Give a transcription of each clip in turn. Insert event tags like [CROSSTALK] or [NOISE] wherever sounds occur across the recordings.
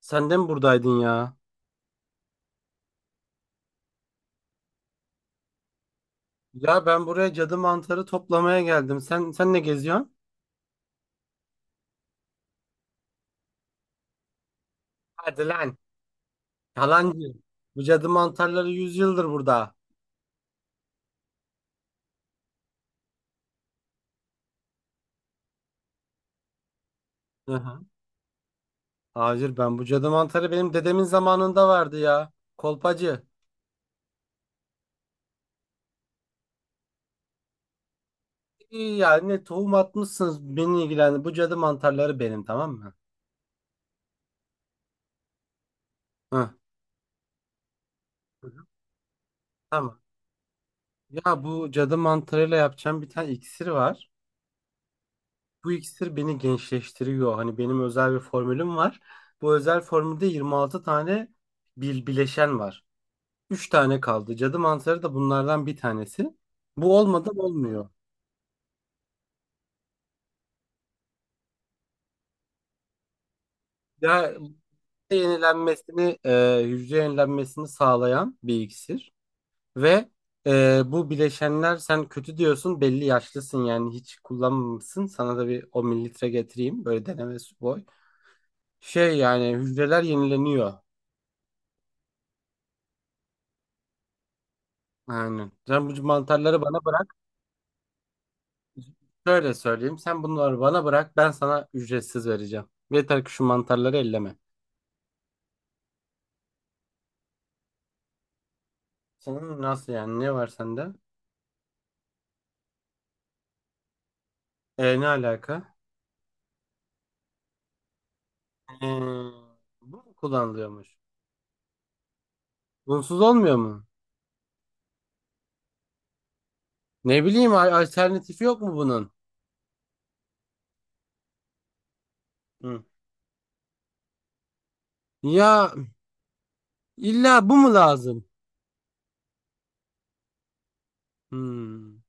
Sen de mi buradaydın ya? Ya ben buraya cadı mantarı toplamaya geldim. Sen ne geziyorsun? Hadi lan. Yalancı. Bu cadı mantarları 100 yıldır burada. Hı hı. Hayır, ben bu cadı mantarı benim dedemin zamanında vardı ya. Kolpacı. İyi, yani tohum atmışsınız beni ilgilendi. Bu cadı mantarları benim, tamam mı? Hı. Hı hı. Tamam. Ya bu cadı mantarıyla yapacağım bir tane iksir var. Bu iksir beni gençleştiriyor. Hani benim özel bir formülüm var. Bu özel formülde 26 tane bir bileşen var. Üç tane kaldı. Cadı mantarı da bunlardan bir tanesi. Bu olmadan olmuyor. Ya hücre yenilenmesini, hücre yenilenmesini sağlayan bir iksir ve bu bileşenler sen kötü diyorsun, belli yaşlısın, yani hiç kullanmamışsın. Sana da bir 10 mililitre getireyim, böyle deneme su boy. Şey, yani hücreler yenileniyor. Yani sen bu mantarları bana bırak. Şöyle söyleyeyim. Sen bunları bana bırak. Ben sana ücretsiz vereceğim. Yeter ki şu mantarları elleme. Senin nasıl yani? Ne var sende? E, ne alaka? E, bu mu kullanılıyormuş? Bunsuz olmuyor mu? Ne bileyim, alternatifi yok mu bunun? Hı. Ya illa bu mu lazım? Hmm.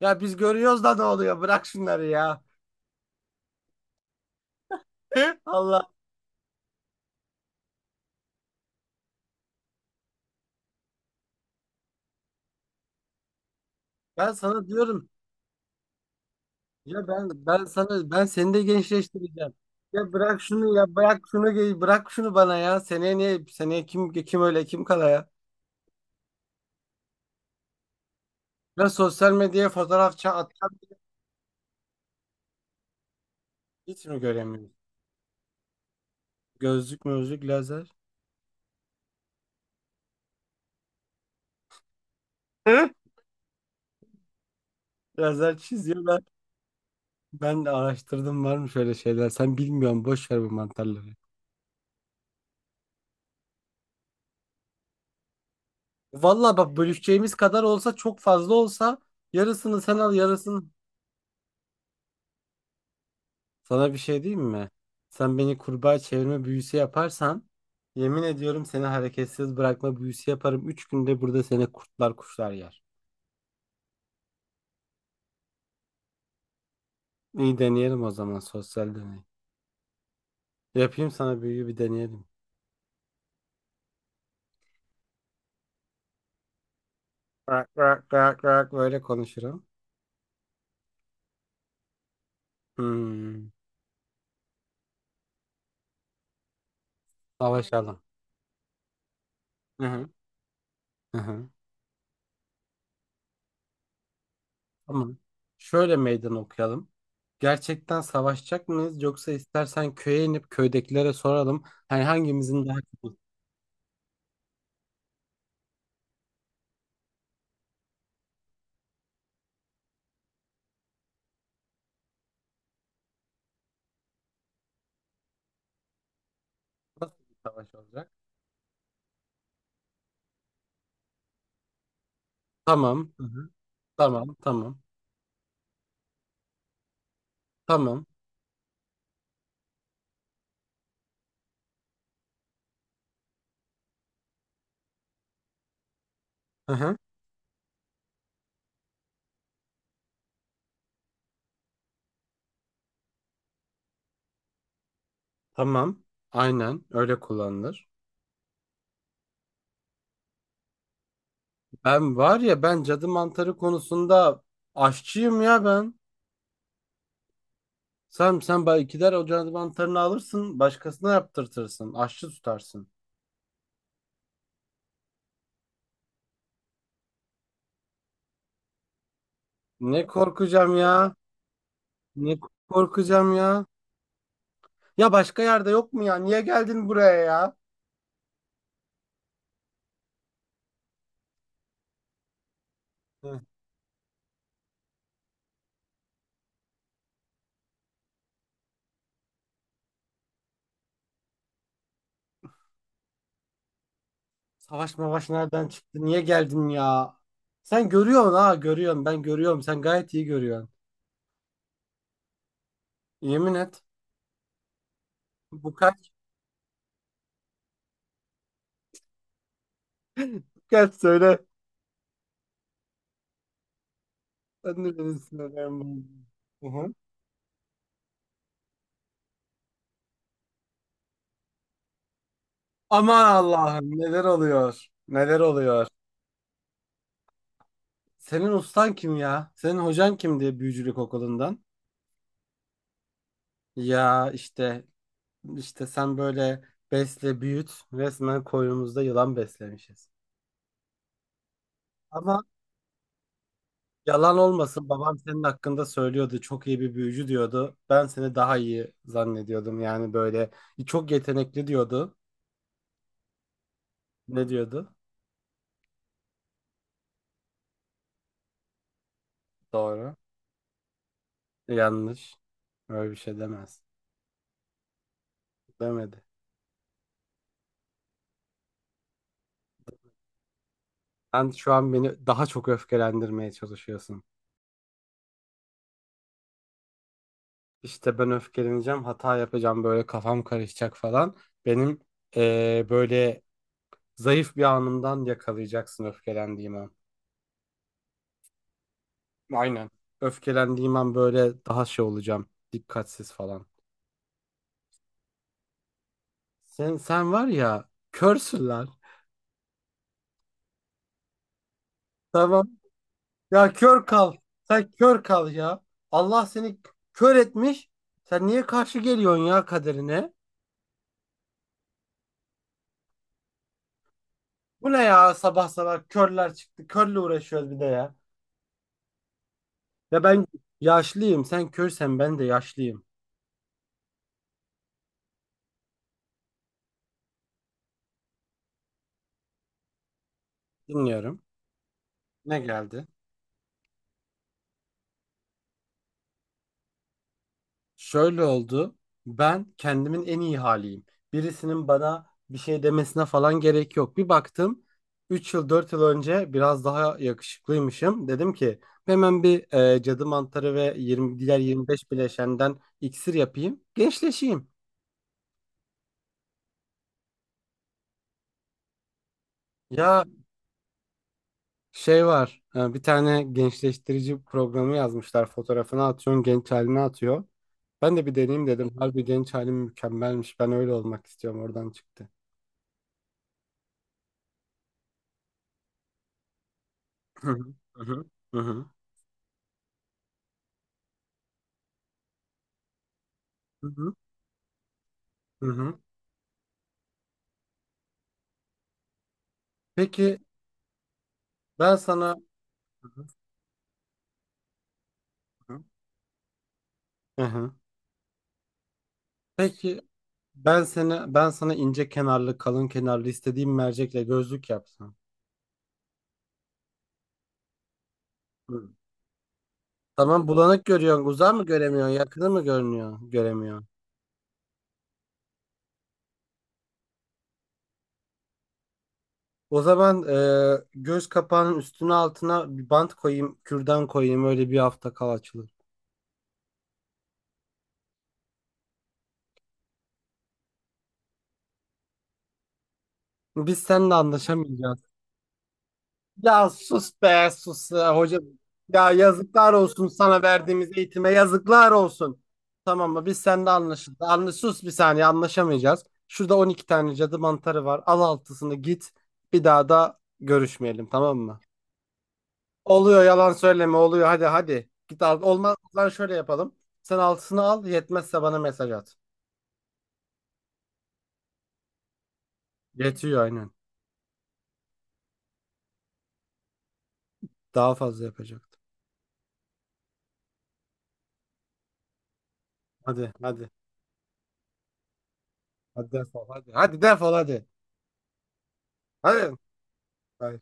Ya biz görüyoruz da ne oluyor? Bırak şunları ya. [LAUGHS] Allah. Ben sana diyorum. Ya ben sana ben seni de gençleştireceğim. Ya bırak şunu, ya bırak şunu, bırak şunu bana ya. Seneye niye seneye kim kim öyle kim kala ya? Ya sosyal medyaya fotoğraf atacağım, hiç mi göremiyorum? Gözlük mözlük lazer. Hı? Lazer çiziyorlar. Ben de araştırdım var mı şöyle şeyler. Sen bilmiyorsun, boş ver bu mantarları. Valla bak, bölüşeceğimiz kadar olsa, çok fazla olsa yarısını sen al, yarısını. Sana bir şey diyeyim mi? Sen beni kurbağa çevirme büyüsü yaparsan, yemin ediyorum seni hareketsiz bırakma büyüsü yaparım. Üç günde burada seni kurtlar kuşlar yer. İyi, deneyelim o zaman, sosyal deney. Yapayım sana büyüyü, bir deneyelim. Rak rak rak rak böyle konuşurum. Hmm. Savaşalım. Hı hı. Hı hı. Tamam. Şöyle meydan okuyalım. Gerçekten savaşacak mıyız, yoksa istersen köye inip köydekilere soralım. Hani hangimizin daha çok nasıl bir savaş olacak? Tamam. Tamam, tamam. Tamam. Hı hı. Tamam. Aynen öyle kullanılır. Ben var ya, ben cadı mantarı konusunda aşçıyım ya ben. Sen bay gider o cadı mantarını alırsın, başkasına yaptırtırsın, aşçı tutarsın. Ne korkacağım ya? Ne korkacağım ya? Ya başka yerde yok mu ya? Niye geldin buraya ya? Hı. Savaş mavaş nereden çıktı? Niye geldin ya? Sen görüyorsun ha, görüyorsun. Ben görüyorum. Sen gayet iyi görüyorsun. Yemin et. Bu kaç? Gel söyle. Sen de beni sinirden bozdun. Hı hı. Aman Allah'ım, neler oluyor? Neler oluyor? Senin ustan kim ya? Senin hocan kimdi büyücülük okulundan? Ya işte, işte sen böyle besle büyüt, resmen koynumuzda yılan beslemişiz. Ama yalan olmasın, babam senin hakkında söylüyordu. Çok iyi bir büyücü diyordu. Ben seni daha iyi zannediyordum. Yani böyle çok yetenekli diyordu. Ne diyordu? Doğru. Yanlış. Öyle bir şey demez. Demedi. Sen şu an beni daha çok öfkelendirmeye çalışıyorsun. İşte ben öfkeleneceğim, hata yapacağım, böyle kafam karışacak falan. Benim böyle zayıf bir anımdan yakalayacaksın, öfkelendiğim an. Aynen. Öfkelendiğim an böyle daha şey olacağım, dikkatsiz falan. Sen var ya, körsün lan. Tamam. Ya kör kal. Sen kör kal ya. Allah seni kör etmiş. Sen niye karşı geliyorsun ya kaderine? Bu ne ya, sabah sabah körler çıktı. Körle uğraşıyoruz bir de ya. Ya ben yaşlıyım. Sen körsen ben de yaşlıyım. Dinliyorum. Ne geldi? Şöyle oldu. Ben kendimin en iyi haliyim. Birisinin bana bir şey demesine falan gerek yok. Bir baktım 3 yıl 4 yıl önce biraz daha yakışıklıymışım. Dedim ki hemen bir cadı mantarı ve 20, diğer 25 bileşenden iksir yapayım. Gençleşeyim. Ya şey var. Bir tane gençleştirici programı yazmışlar. Fotoğrafını atıyorsun, genç halini atıyor. Ben de bir deneyeyim dedim. Harbi genç halim mükemmelmiş. Ben öyle olmak istiyorum. Oradan çıktı. Hı hı, hı hı, hı hı, hı hı, hı hı. Peki ben sana. Hı hı, hı hı. Hı hı. Peki ben sana ince kenarlı, kalın kenarlı istediğim mercekle gözlük yapsam. Hı. Tamam, bulanık görüyorsun. Uzağı mı göremiyorsun? Yakını mı görünüyor? Göremiyor. O zaman göz kapağının üstüne altına bir bant koyayım, kürdan koyayım. Öyle bir hafta kal, açılır. Biz seninle anlaşamayacağız. Ya sus be, sus ya hoca. Ya yazıklar olsun, sana verdiğimiz eğitime yazıklar olsun. Tamam mı? Biz seninle anlaşıldı. Anla, sus bir saniye, anlaşamayacağız. Şurada 12 tane cadı mantarı var. Al altısını, git. Bir daha da görüşmeyelim, tamam mı? Oluyor, yalan söyleme, oluyor. Hadi hadi. Git al. Olmaz. Lan şöyle yapalım. Sen altısını al. Yetmezse bana mesaj at. Yetiyor aynen. Daha fazla yapacaktım. Hadi hadi. Hadi defol hadi. Hadi defol hadi. Hadi. Hayır.